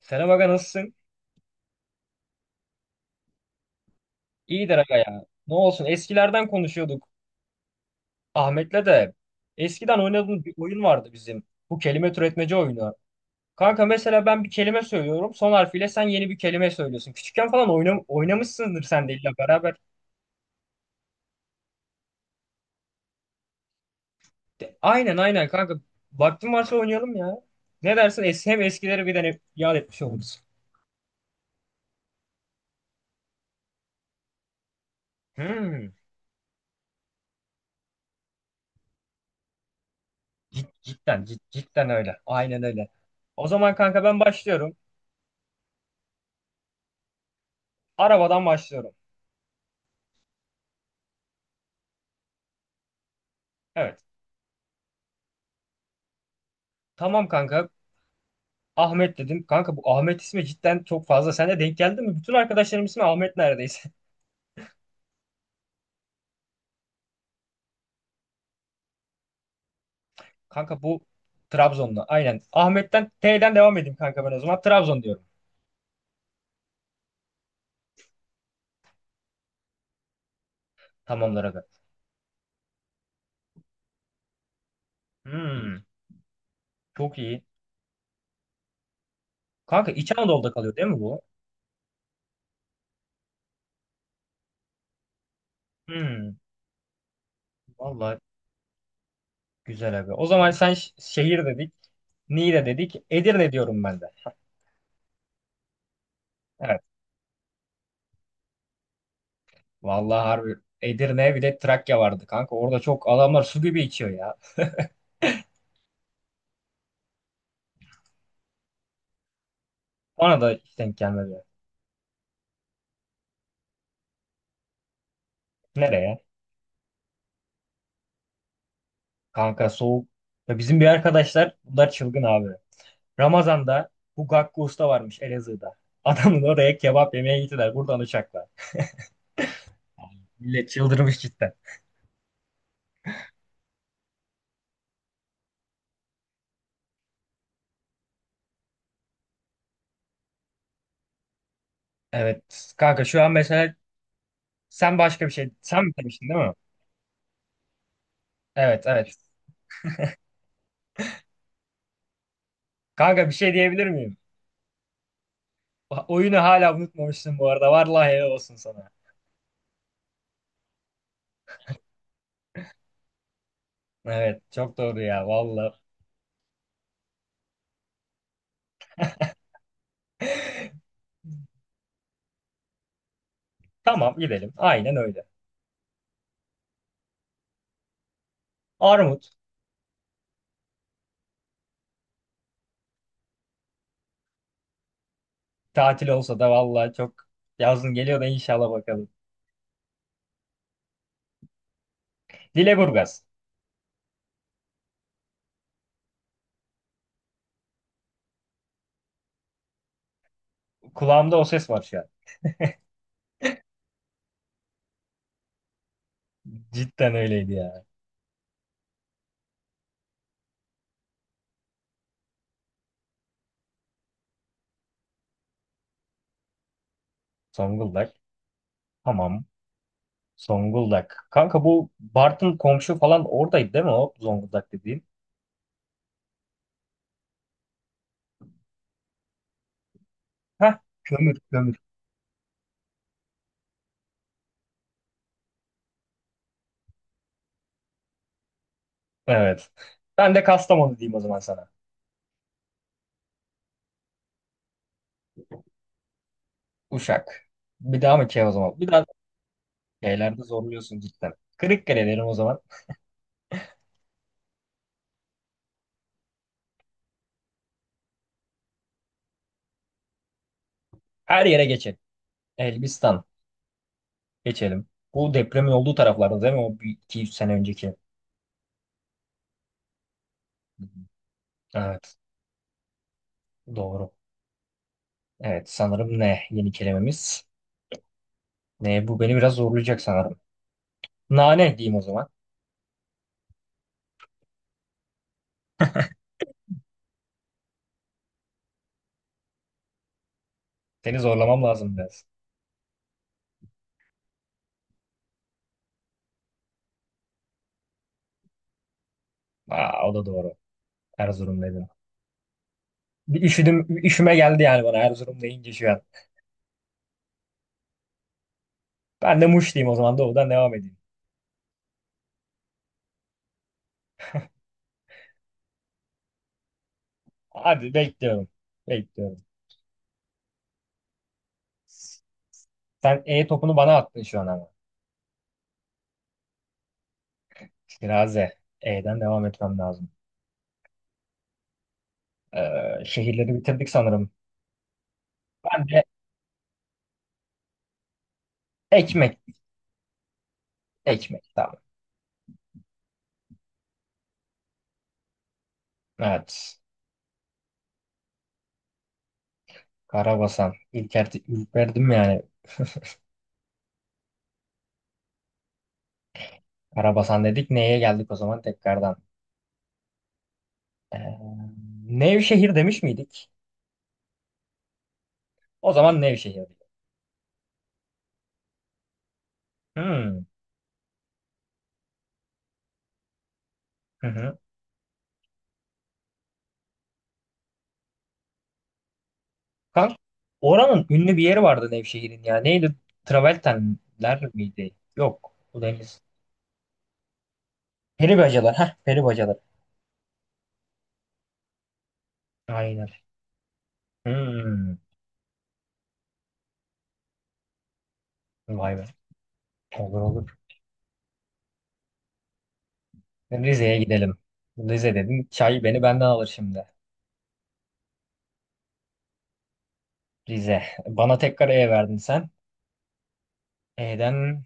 Selam aga, nasılsın? İyidir aga ya. Ne olsun, eskilerden konuşuyorduk Ahmet'le de. Eskiden oynadığımız bir oyun vardı bizim. Bu kelime türetmece oyunu. Kanka mesela ben bir kelime söylüyorum. Son harfiyle sen yeni bir kelime söylüyorsun. Küçükken falan oynamışsındır sen de illa beraber. Aynen aynen kanka. Vaktin varsa oynayalım ya. Ne dersin? Hem eskileri bir tane yad etmiş oluruz. Hmm. Cidden öyle. Aynen öyle. O zaman kanka ben başlıyorum. Arabadan başlıyorum. Evet. Tamam kanka. Ahmet dedim. Kanka bu Ahmet ismi cidden çok fazla. Sen de denk geldi mi? Bütün arkadaşlarım ismi Ahmet neredeyse. Kanka bu Trabzonlu. Aynen. Ahmet'ten T'den devam edeyim kanka ben o zaman. Trabzon diyorum. Tamamlar aga. Hmm, çok iyi. Kanka İç Anadolu'da kalıyor değil mi bu? Hmm, vallahi güzel abi. O zaman sen şehir dedik. Niğde dedik. Edirne diyorum ben de. Evet. Vallahi harbi. Edirne bir de Trakya vardı kanka. Orada çok adamlar su gibi içiyor ya. Bana da hiç denk gelmedi. Nereye? Kanka soğuk. Ya bizim bir arkadaşlar bunlar çılgın abi. Ramazan'da bu Gakko Usta varmış Elazığ'da. Adamın oraya kebap yemeye gittiler buradan uçakla. Millet çıldırmış cidden. Evet kanka, şu an mesela sen başka bir şey sen mi demiştin değil mi? Evet evet. Kanka bir şey diyebilir miyim? Oyunu hala unutmamışsın bu arada. Vallahi helal olsun sana. Evet çok doğru ya vallahi. Tamam gidelim. Aynen öyle. Armut tatil olsa da vallahi çok, yazın geliyor da inşallah bakalım. Dileburgaz. Kulağımda o ses var şu an. Cidden öyleydi ya. Zonguldak. Tamam. Zonguldak. Kanka bu Bartın komşu falan oradaydı değil mi o Zonguldak dediğin? Heh. Kömür, kömür. Evet. Ben de Kastamonu diyeyim o zaman sana. Uşak. Bir daha mı K o zaman? Bir daha Şeylerde zorluyorsun cidden. Kırıkkale derim o zaman. Her yere geçelim. Elbistan. Geçelim. Bu depremin olduğu taraflarda değil mi? O bir 200 sene önceki. Hı hı. Evet. Doğru. Evet. Sanırım ne? Yeni kelimemiz. Ne, bu beni biraz zorlayacak sanırım. Nane diyeyim o zaman. Seni zorlamam lazım biraz. Aa, o da doğru. Erzurum dedim. Bir üşüdüm, üşüme geldi yani bana Erzurum deyince şu an. Ben de Muş diyeyim o zaman, doğudan devam edeyim. Hadi bekliyorum. Bekliyorum. Sen E topunu bana attın şu an ama. Şiraze. E'den devam etmem lazım. Şehirleri bitirdik sanırım. Ben de ekmek. Ekmek tamam. Evet. Karabasan. İlk verdim yani. Karabasan dedik. Neye geldik o zaman tekrardan? Ee, Nevşehir demiş miydik? O zaman Nevşehir. Diyor. Hmm. Hı hı. Kanka, oranın ünlü bir yeri vardı Nevşehir'in ya. Neydi? Travertenler miydi? Yok. Bu deniz. Peribacalar. Heh, peribacalar. Aynen. Hmm. Vay be. Olur olur. Rize'ye gidelim. Rize dedim. Çay beni benden alır şimdi. Rize. Bana tekrar E verdin sen. E'den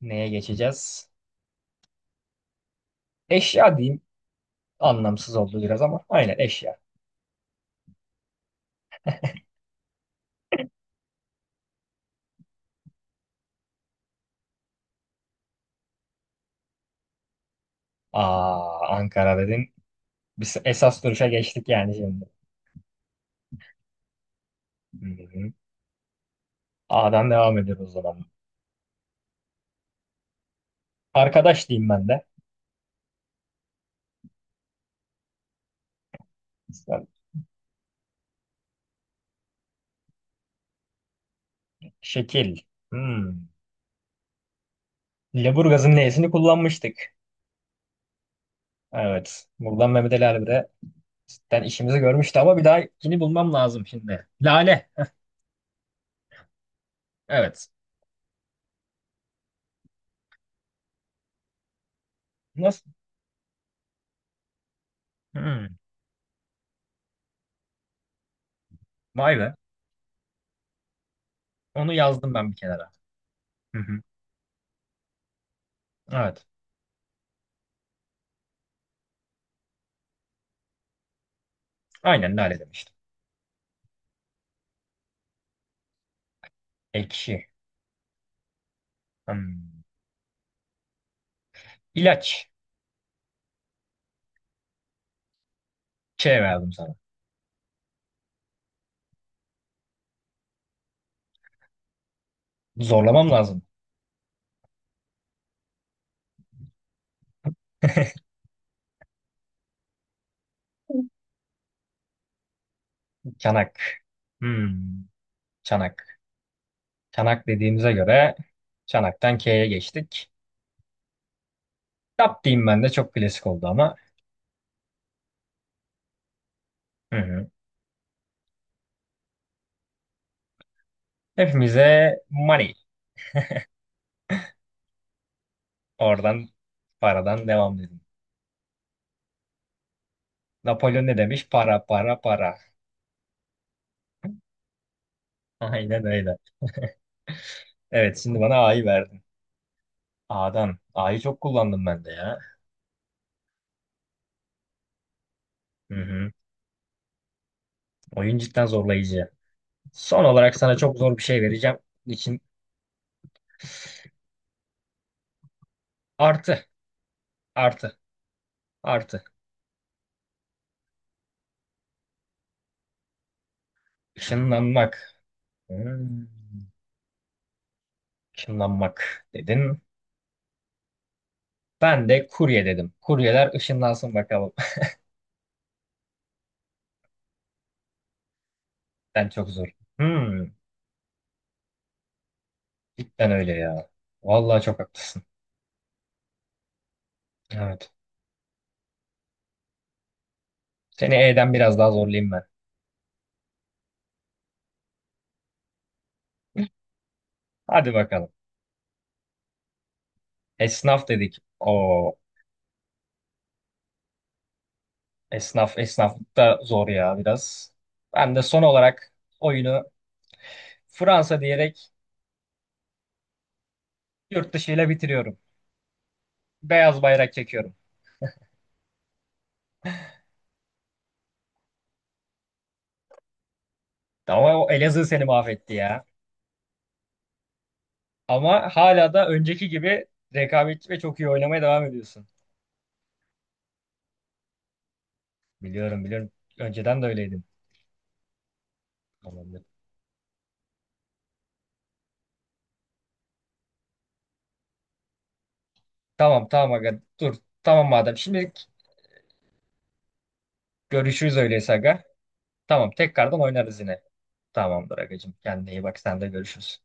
neye geçeceğiz? Eşya diyeyim. Anlamsız oldu biraz ama. Aynen eşya. Aa, Ankara dedin. Biz esas duruşa geçtik yani şimdi. Hı-hı. A'dan devam ediyoruz o zaman. Arkadaş diyeyim ben de. Sen- Şekil. Hmm. Leburgaz'ın L'sini kullanmıştık. Evet. Buradan Mehmet Ali Erbil'e cidden işimizi görmüştü ama bir daha yeni bulmam lazım şimdi. Lale. Evet. Nasıl? Hmm. Vay be. Onu yazdım ben bir kenara. Hı-hı. Evet. Aynen lale demiştim. Ekşi. Hmm. İlaç. Ç verdim sana. Zorlamam lazım. Çanak. Hmm. Çanak. Çanak dediğimize göre Çanak'tan K'ye geçtik. Tap diyeyim ben de, çok klasik oldu ama. Hı hı. Hepimize money. Oradan, paradan devam dedim. Napolyon ne demiş? Para para para. Aynen öyle. Evet şimdi bana A'yı verdin. A'dan. A'yı çok kullandım ben de ya. Hı hı. Oyun cidden zorlayıcı. Son olarak sana çok zor bir şey vereceğim. İçin artı. Artı. Artı. Işınlanmak. Hmm. Işınlanmak dedin. Ben de kurye dedim. Kuryeler ışınlansın bakalım. Ben çok zor. Hmm, cidden öyle ya. Vallahi çok haklısın. Evet. Seni E'den biraz daha zorlayayım ben. Hadi bakalım. Esnaf dedik. O esnaf, esnaf da zor ya biraz. Ben de son olarak oyunu Fransa diyerek yurt dışıyla bitiriyorum. Beyaz bayrak çekiyorum. Ama o Elazığ seni mahvetti ya. Ama hala da önceki gibi rekabetçi ve çok iyi oynamaya devam ediyorsun. Biliyorum biliyorum. Önceden de öyleydin. Tamamdır. Tamam tamam aga dur. Tamam madem. Şimdilik görüşürüz öyleyse aga. Tamam tekrardan oynarız yine. Tamamdır agacığım. Kendine iyi bak, sen de görüşürüz.